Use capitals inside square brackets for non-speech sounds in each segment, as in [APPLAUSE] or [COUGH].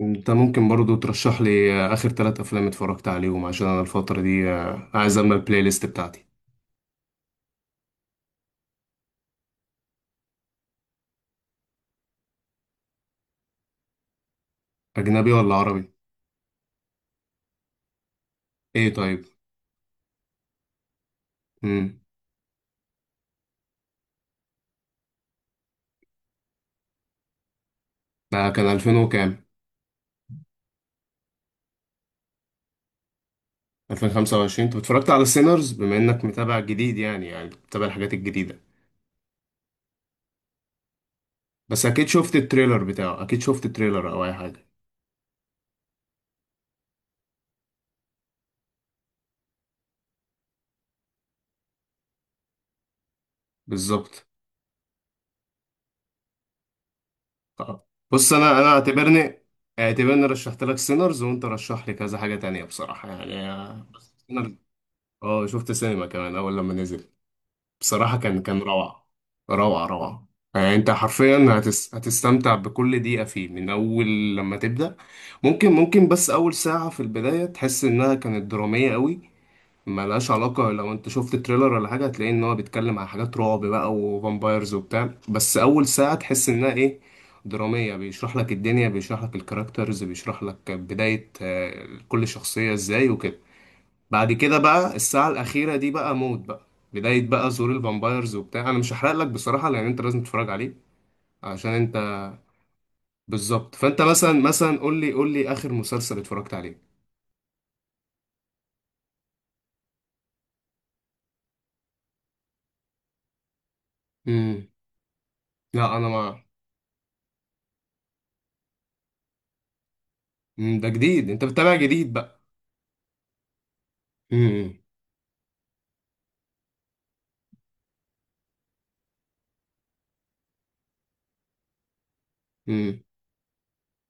انت ممكن برضو ترشح لي اخر ثلاث افلام اتفرجت عليهم عشان انا الفترة دي عايز اعمل البلاي ليست بتاعتي. اجنبي ولا عربي؟ ايه طيب. امم. ده كان 2000 وكام؟ 2025. انت اتفرجت على سينرز؟ بما انك متابع جديد يعني بتتابع الحاجات الجديدة. بس اكيد شفت التريلر بتاعه، اكيد شفت التريلر او اي حاجة. بالظبط. بص انا اعتبرني رشحت لك سينرز، وانت رشح لي كذا حاجة تانية بصراحة يعني، بس اه، شفت سينما كمان اول لما نزل. بصراحة كان روعة. روعة روعة. يعني انت حرفيا هتستمتع بكل دقيقة فيه من أول لما تبدأ. ممكن بس أول ساعة في البداية تحس إنها كانت درامية قوي. ملهاش علاقة، لو انت شفت تريلر ولا حاجة هتلاقي إن هو بيتكلم عن حاجات رعب بقى وفامبايرز وبتاع، بس أول ساعة تحس إنها إيه، درامية، بيشرح لك الدنيا، بيشرح لك الكاركترز، بيشرح لك بداية كل شخصية إزاي وكده. بعد كده بقى الساعة الأخيرة دي بقى موت بقى، بداية بقى ظهور الفامبايرز وبتاع. أنا مش هحرق لك بصراحة، لأن أنت لازم تتفرج عليه عشان أنت، بالظبط. فأنت مثلا قول لي آخر مسلسل اتفرجت عليه. امم. لا أنا ما. مم. ده جديد، أنت بتتابع جديد بقى. امم. امم.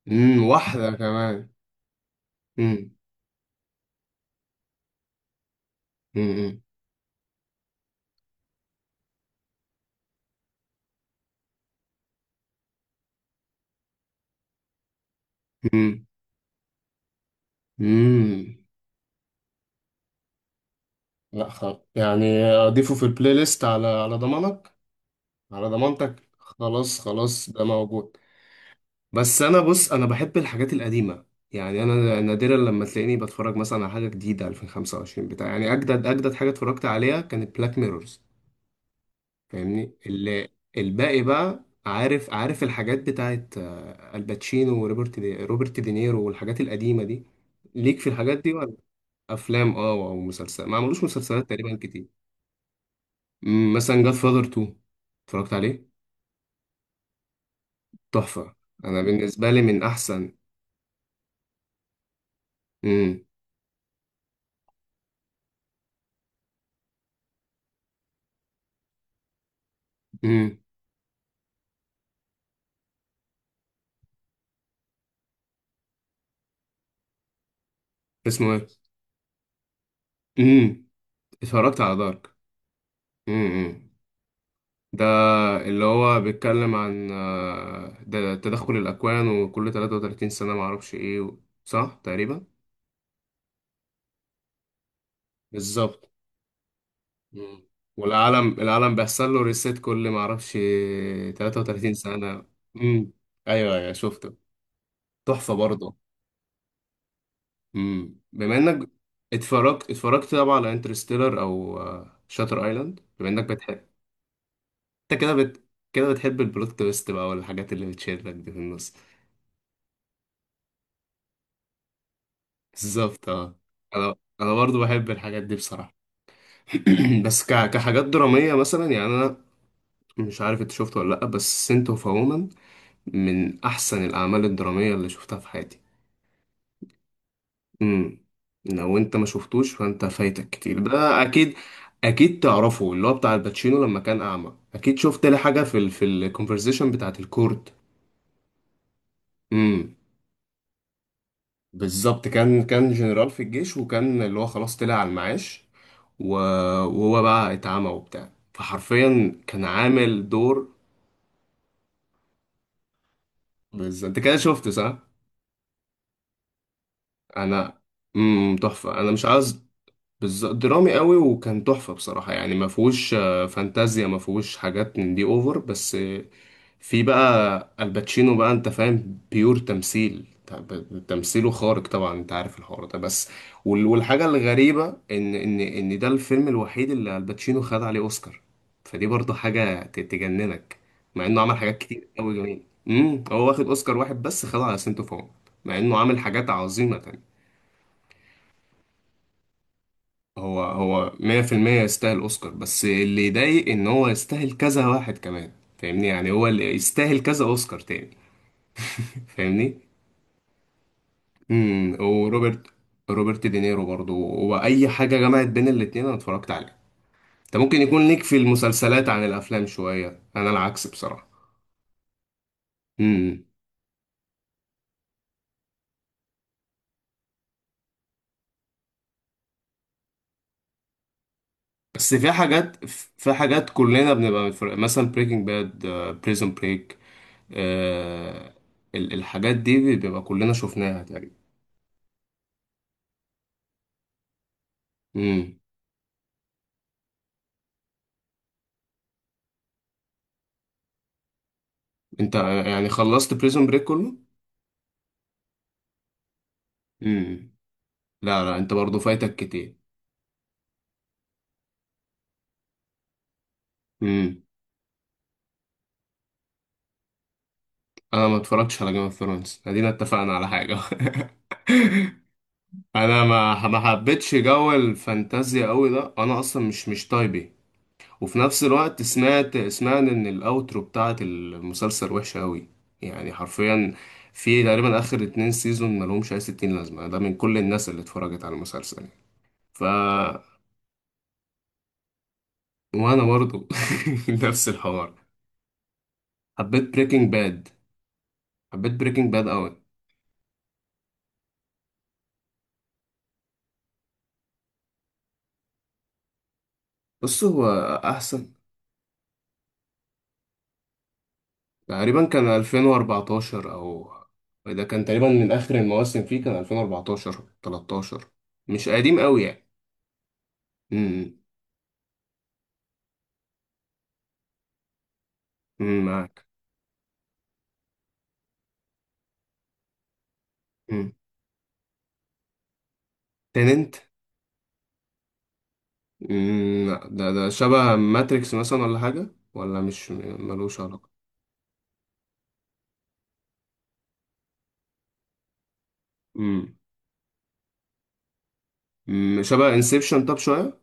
امم. واحدة كمان. امم. امم. امم. امم. لا خلاص، يعني أضيفه في البلاي ليست على ضمانك، على ضمانتك، خلاص خلاص ده موجود. بس انا، بص، انا بحب الحاجات القديمه. يعني انا نادرا لما تلاقيني بتفرج مثلا على حاجه جديده 2025 بتاع، يعني اجدد حاجه اتفرجت عليها كانت بلاك ميرورز. فاهمني اللي، الباقي بقى، عارف الحاجات بتاعت الباتشينو وروبرت، روبرت دينيرو، والحاجات القديمه دي. ليك في الحاجات دي ولا؟ افلام، اه، او مسلسل، ما عملوش مسلسلات تقريبا كتير. مثلا جاد فاذر 2، اتفرجت عليه؟ تحفه، انا بالنسبه لي من احسن. امم. امم. اسمه ايه؟ اتفرجت على دارك. امم. ده اللي هو بيتكلم عن ده تدخل الأكوان، وكل 33 سنة معرفش ايه صح تقريبا. بالظبط. مم. والعالم، العالم بيحصل له ريسيت كل معرفش، 33 سنة. امم. ايوه ايوه شفته. تحفة برضه. امم. بما انك اتفرجت طبعا على انترستيلر او شاتر ايلاند، بما انك بتحب، انت كده كده بتحب البلوت تويست بقى، والحاجات اللي بتشدك دي في النص. بالظبط، اه. انا انا برضو بحب الحاجات دي بصراحه. [CLEARS THROAT] بس كحاجات دراميه مثلا، يعني انا مش عارف انت شفته ولا لا، بس سنت اوف وومن من احسن الاعمال الدراميه اللي شفتها في حياتي. امم. لو انت ما شفتوش فانت فايتك كتير ده، اكيد. اكيد تعرفه، اللي هو بتاع الباتشينو لما كان اعمى، اكيد شفت لي حاجه في في الكونفرزيشن بتاعت الكورت. امم. بالظبط، كان جنرال في الجيش، وكان اللي هو خلاص طلع على المعاش، و- وهو بقى اتعمى وبتاع، فحرفيا كان عامل دور. بالظبط، انت كده شفت صح. انا امم. تحفه. انا مش عايز. بالظبط، درامي قوي وكان تحفه بصراحه، يعني ما فيهوش فانتازيا، ما فيهوش حاجات من دي اوفر، بس في بقى الباتشينو بقى، انت فاهم، بيور تمثيل، تمثيله خارق طبعا، انت عارف الحوار ده، بس والحاجة الغريبة ان، ان ده الفيلم الوحيد اللي الباتشينو خد عليه اوسكار، فدي برضه حاجة تجننك، مع انه عمل حاجات كتير قوي. جميل. امم. هو واخد اوسكار واحد بس، خده على سنتو فوم، مع انه عامل حاجات عظيمة تانية. هو 100% يستاهل اوسكار، بس اللي يضايق ان هو يستاهل كذا واحد كمان. فاهمني، يعني هو اللي يستاهل كذا اوسكار تاني. فاهمني. امم. وروبرت، روبرت دينيرو برضو، واي حاجه جمعت بين الاتنين انا اتفرجت عليها. انت ممكن يكون ليك في المسلسلات عن الافلام شويه، انا العكس بصراحه. امم. بس في حاجات كلنا بنبقى متفرق. مثلا بريكنج باد، بريزون بريك، الحاجات دي بيبقى كلنا شفناها تقريبا. امم. انت يعني خلصت بريزون بريك كله؟ امم. لا لا، انت برضو فايتك كتير. امم. انا ما اتفرجتش على جيم اوف ثرونز، ادينا اتفقنا على حاجه. [LAUGHS] انا ما حبيتش جو الفانتازيا قوي ده، انا اصلا مش طيبي. وفي نفس الوقت سمعت ان الاوترو بتاعت المسلسل وحشه قوي، يعني حرفيا في تقريبا اخر اتنين سيزون ملهمش اي ستين لازمه ده، من كل الناس اللي اتفرجت على المسلسل يعني. ف وانا برضو، [LAUGHS] نفس الحوار. حبيت بريكنج باد، حبيت بريكنج باد قوي. بص هو احسن. تقريبا كان 2014 او، ده كان تقريبا من اخر المواسم فيه، كان 2014، 13، مش قديم قوي يعني. امم. أمم، معاك. امم. تننت. امم. لا، ده شبه ماتريكس مثلا ولا حاجه، ولا مش م- ملوش علاقه. امم. أمم، شبه انسبشن طب شويه.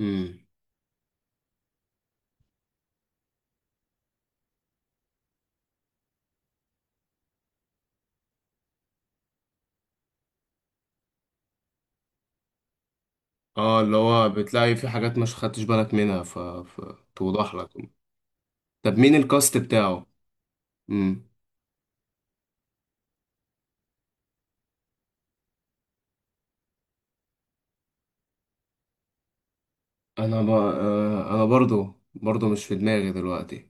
امم. اه، اللي هو بتلاقي في حاجات مش خدتش بالك منها فتوضح لك. طب مين الكاست بتاعه؟ امم. انا ب... آه، انا برضو مش في دماغي دلوقتي.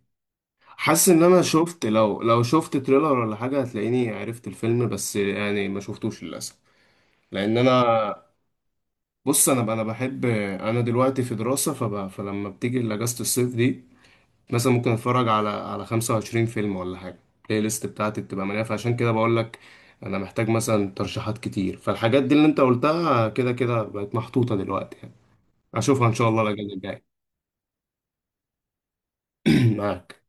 حاسس ان انا شفت، لو شفت تريلر ولا حاجه هتلاقيني عرفت الفيلم، بس يعني ما شفتوش للاسف. لان انا، بص انا بحب، انا دلوقتي في دراسه فلما بتيجي اجازه الصيف دي، مثلا ممكن اتفرج على 25 فيلم ولا حاجه، البلاي ليست بتاعتي بتبقى مليانه، فعشان كده بقول لك انا محتاج مثلا ترشيحات كتير، فالحاجات دي اللي انت قلتها كده بقت محطوطه دلوقتي يعني. اشوفها ان شاء الله الاجازه الجايه. [CLEARS THROAT] معاك.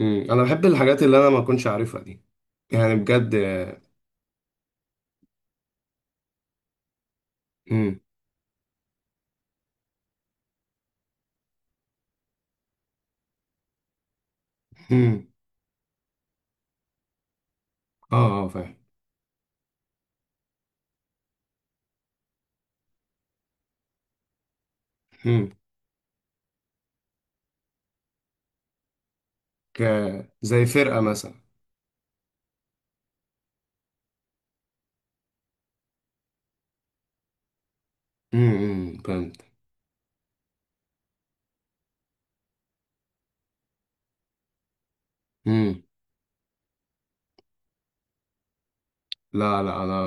مم. انا بحب الحاجات اللي انا ما كنتش عارفها دي، يعني بجد. امم. اه اه، فاهم. امم. ك زي فرقة مثلا. امم. فهمت. امم. لا لا، انا،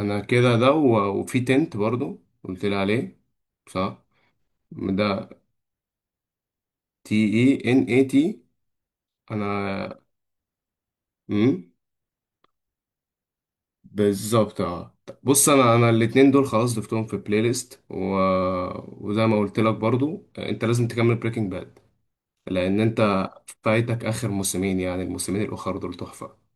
انا كده، ده وفي تنت برضو قلت لي عليه، صح. ده تي اي ان اي تي. انا، امم، بالظبط، اه. بص انا الاتنين دول خلاص ضفتهم في بلاي ليست وزي ما قلت لك برضو، انت لازم تكمل بريكنج باد، لان انت فايتك اخر موسمين، يعني الموسمين الاخر دول تحفة.